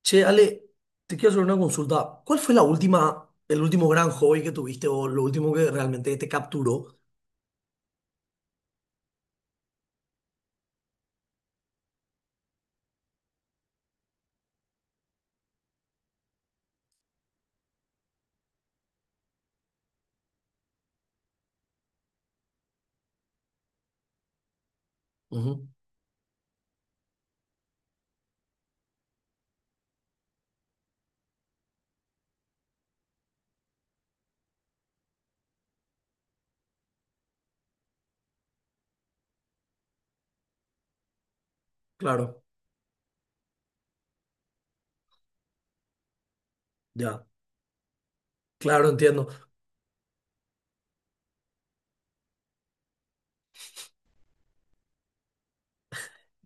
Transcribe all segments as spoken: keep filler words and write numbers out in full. Che, Ale, te quiero hacer una consulta. ¿Cuál fue la última, el último gran hobby que tuviste o lo último que realmente te capturó? Ujú, claro, ya, claro, entiendo.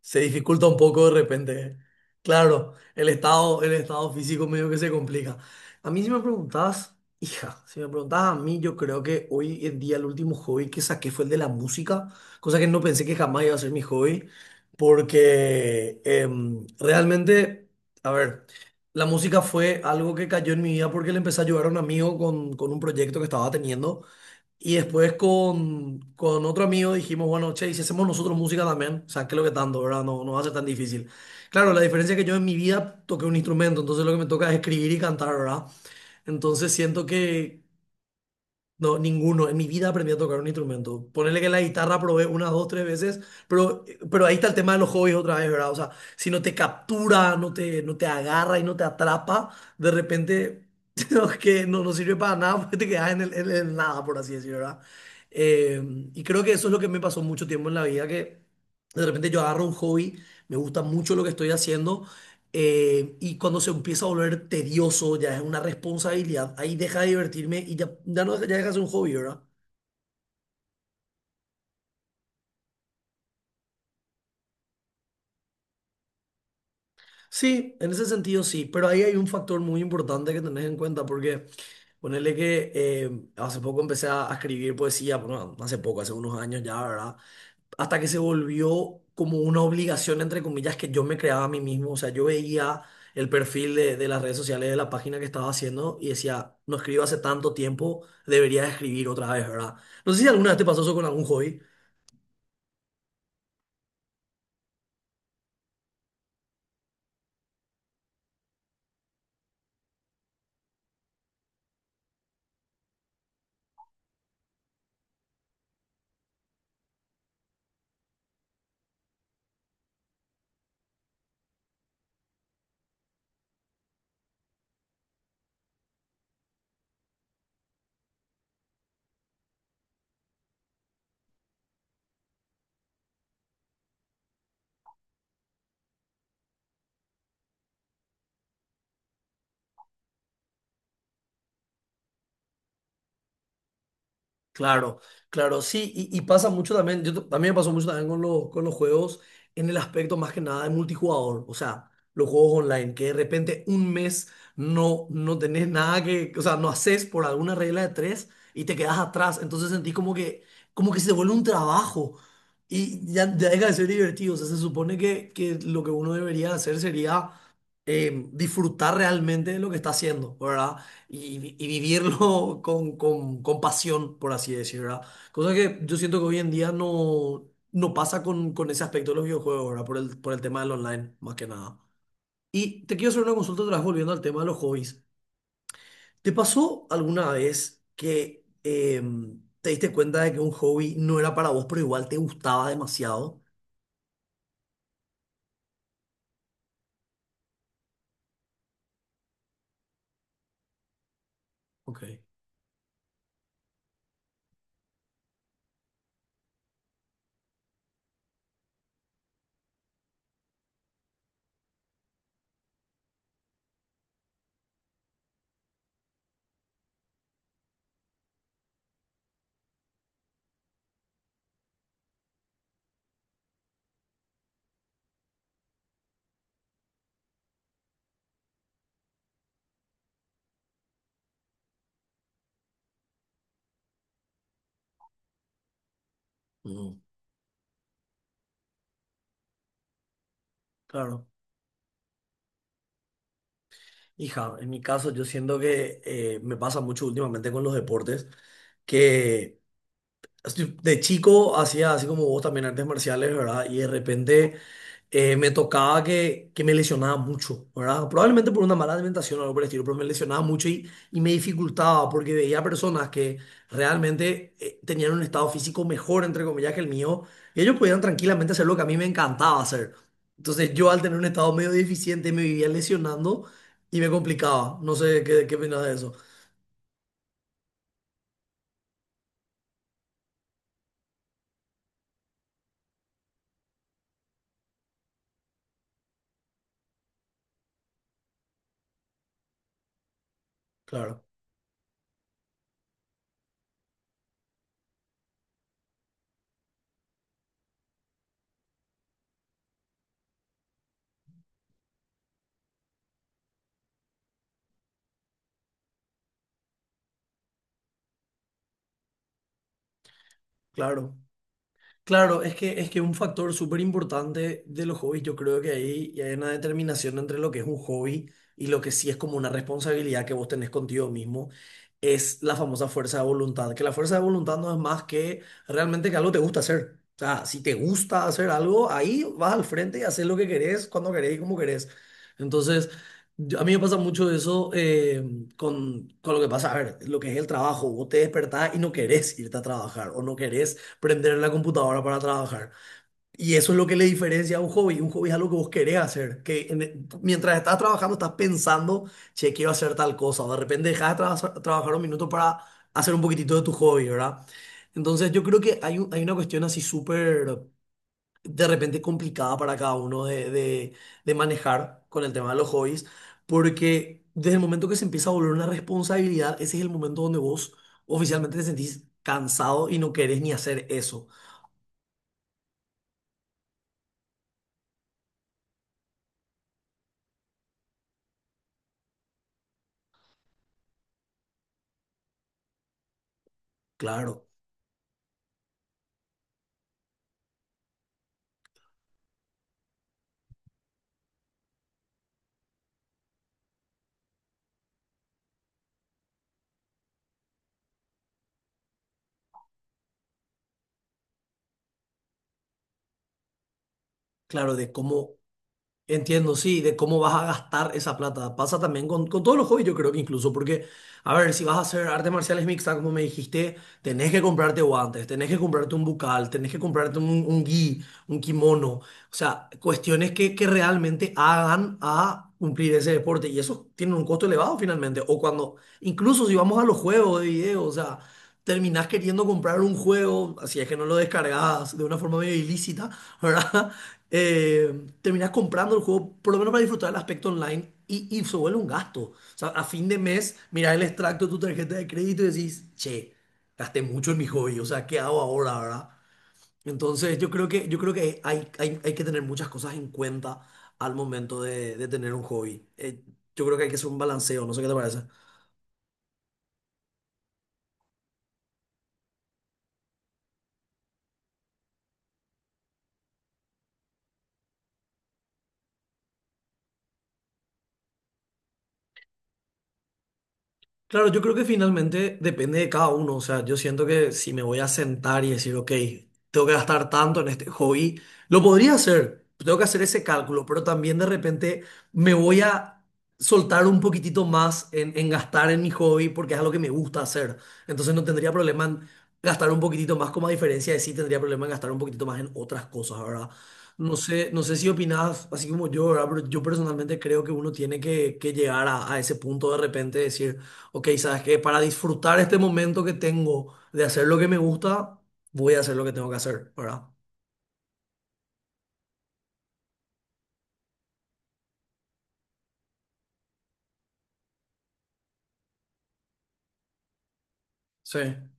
Se dificulta un poco de repente. Claro, el estado, el estado físico medio que se complica. A mí si me preguntás, hija, si me preguntás a mí, yo creo que hoy en día el último hobby que saqué fue el de la música, cosa que no pensé que jamás iba a ser mi hobby, porque em, realmente, a ver, la música fue algo que cayó en mi vida porque le empecé a ayudar a un amigo con, con un proyecto que estaba teniendo. Y después con, con otro amigo dijimos, bueno, che, ¿y si hacemos nosotros música también? O sea, ¿qué es lo que tanto, verdad? No, no va a ser tan difícil. Claro, la diferencia es que yo en mi vida toqué un instrumento, entonces lo que me toca es escribir y cantar, ¿verdad? Entonces siento que, no, ninguno. En mi vida aprendí a tocar un instrumento. Ponerle que la guitarra probé unas dos, tres veces, pero, pero ahí está el tema de los hobbies otra vez, ¿verdad? O sea, si no te captura, no te, no te agarra y no te atrapa, de repente no, que no, no sirve para nada porque te quedas en el, en el nada, por así decirlo, ¿verdad? Eh, y creo que eso es lo que me pasó mucho tiempo en la vida, que de repente yo agarro un hobby, me gusta mucho lo que estoy haciendo eh, y cuando se empieza a volver tedioso, ya es una responsabilidad, ahí deja de divertirme y ya, ya no deja, ya deja de ser un hobby, ¿verdad? Sí, en ese sentido sí, pero ahí hay un factor muy importante que tenés en cuenta porque ponerle que eh, hace poco empecé a, a escribir poesía, bueno, hace poco, hace unos años ya, ¿verdad? Hasta que se volvió como una obligación, entre comillas, que yo me creaba a mí mismo. O sea, yo veía el perfil de, de las redes sociales, de la página que estaba haciendo y decía, no escribo hace tanto tiempo, debería escribir otra vez, ¿verdad? No sé si alguna vez te pasó eso con algún hobby. Claro, claro, sí, y, y pasa mucho también, yo, t- también me pasó mucho también con los, con los juegos en el aspecto más que nada de multijugador, o sea, los juegos online, que de repente un mes no, no tenés nada que, o sea, no haces por alguna regla de tres y te quedas atrás, entonces sentís como que, como que se te vuelve un trabajo y ya ya deja de ser divertido, o sea, se supone que, que lo que uno debería hacer sería eh, disfrutar realmente de lo que está haciendo, ¿verdad? Y, vi- y vivirlo con, con, con pasión, por así decirlo, ¿verdad? Cosa que yo siento que hoy en día no, no pasa con, con ese aspecto de los videojuegos, ¿verdad? Por el, por el tema del online, más que nada. Y te quiero hacer una consulta otra vez volviendo al tema de los hobbies. ¿Te pasó alguna vez que em, te diste cuenta de que un hobby no era para vos, pero igual te gustaba demasiado? Ok. Mm, claro. Hija, en mi caso yo siento que eh, me pasa mucho últimamente con los deportes que así, de chico hacía así como vos también artes marciales, ¿verdad? Y de repente eh, me tocaba que, que me lesionaba mucho, ¿verdad? Probablemente por una mala alimentación o algo por el estilo, pero me lesionaba mucho y, y me dificultaba porque veía personas que realmente eh, tenían un estado físico mejor, entre comillas, que el mío, y ellos podían tranquilamente hacer lo que a mí me encantaba hacer. Entonces yo al tener un estado medio deficiente me vivía lesionando y me complicaba. No sé qué, qué opinas de eso. Claro, claro. Claro, es que, es que un factor súper importante de los hobbies, yo creo que ahí ya hay una determinación entre lo que es un hobby y lo que sí es como una responsabilidad que vos tenés contigo mismo, es la famosa fuerza de voluntad, que la fuerza de voluntad no es más que realmente que algo te gusta hacer. O sea, si te gusta hacer algo, ahí vas al frente y haces lo que querés, cuando querés y como querés. Entonces, yo- a mí me pasa mucho eso eh, con, con lo que pasa, a ver, lo que es el trabajo, vos te despertás y no querés irte a trabajar o no querés prender la computadora para trabajar. Y eso es lo que le diferencia a un hobby. Un hobby es algo que vos querés hacer, que en- e, mientras estás trabajando estás pensando, che, quiero hacer tal cosa. De repente dejas de tra- trabajar un minuto para hacer un poquitito de tu hobby, ¿verdad? Entonces yo creo que hay, un- hay una cuestión así súper, de repente complicada para cada uno de, de, de manejar con el tema de los hobbies, porque desde el momento que se empieza a volver una responsabilidad, ese es el momento donde vos oficialmente te sentís cansado y no querés ni hacer eso. Claro, claro, de cómo, entiendo, sí, de cómo vas a gastar esa plata. Pasa también con, con todos los hobbies, yo creo que incluso, porque, a ver, si vas a hacer artes marciales mixtas, como me dijiste, tenés que comprarte guantes, tenés que comprarte un bucal, tenés que comprarte un, un gi, un kimono, o sea, cuestiones que, que realmente hagan a cumplir ese deporte. Y eso tiene un costo elevado finalmente. O cuando, incluso si vamos a los juegos de video, o sea... terminás queriendo comprar un juego, así es que no lo descargas de una forma medio ilícita, ¿verdad? Eh, terminás comprando el juego, por lo menos para disfrutar el aspecto online, y, y se vuelve un gasto. O sea, a fin de mes, mirás el extracto de tu tarjeta de crédito y decís, che, gasté mucho en mi hobby, o sea, ¿qué hago ahora, verdad? Entonces, yo creo que, yo creo que hay, hay, hay que tener muchas cosas en cuenta al momento de, de tener un hobby. Eh, yo creo que hay que hacer un balanceo, no sé qué te parece. Claro, yo creo que finalmente depende de cada uno. O sea, yo siento que si me voy a sentar y decir, ok, tengo que gastar tanto en este hobby, lo podría hacer. Tengo que hacer ese cálculo, pero también de repente me voy a soltar un poquitito más en, en gastar en mi hobby porque es algo que me gusta hacer. Entonces no tendría problema en gastar un poquitito más, como a diferencia de sí tendría problema en gastar un poquitito más en otras cosas, ¿verdad? No sé, no sé si opinas así como yo, ¿verdad? Pero yo personalmente creo que uno tiene que, que llegar a, a ese punto de repente de decir. Ok, sabes que para disfrutar este momento que tengo de hacer lo que me gusta, voy a hacer lo que tengo que hacer, ¿verdad? Sí.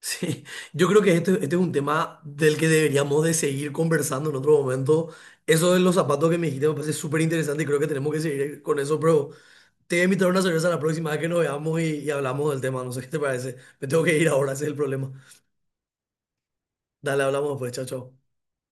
Sí, yo creo que este, este es un tema del que deberíamos de seguir conversando en otro momento. Eso de los zapatos que me dijiste me parece súper interesante y creo que tenemos que seguir con eso, pero te voy a invitar a una cerveza la próxima vez que nos veamos y, y hablamos del tema. No sé qué te parece. Me tengo que ir ahora, ese es el problema. Dale, hablamos después, chao, chao.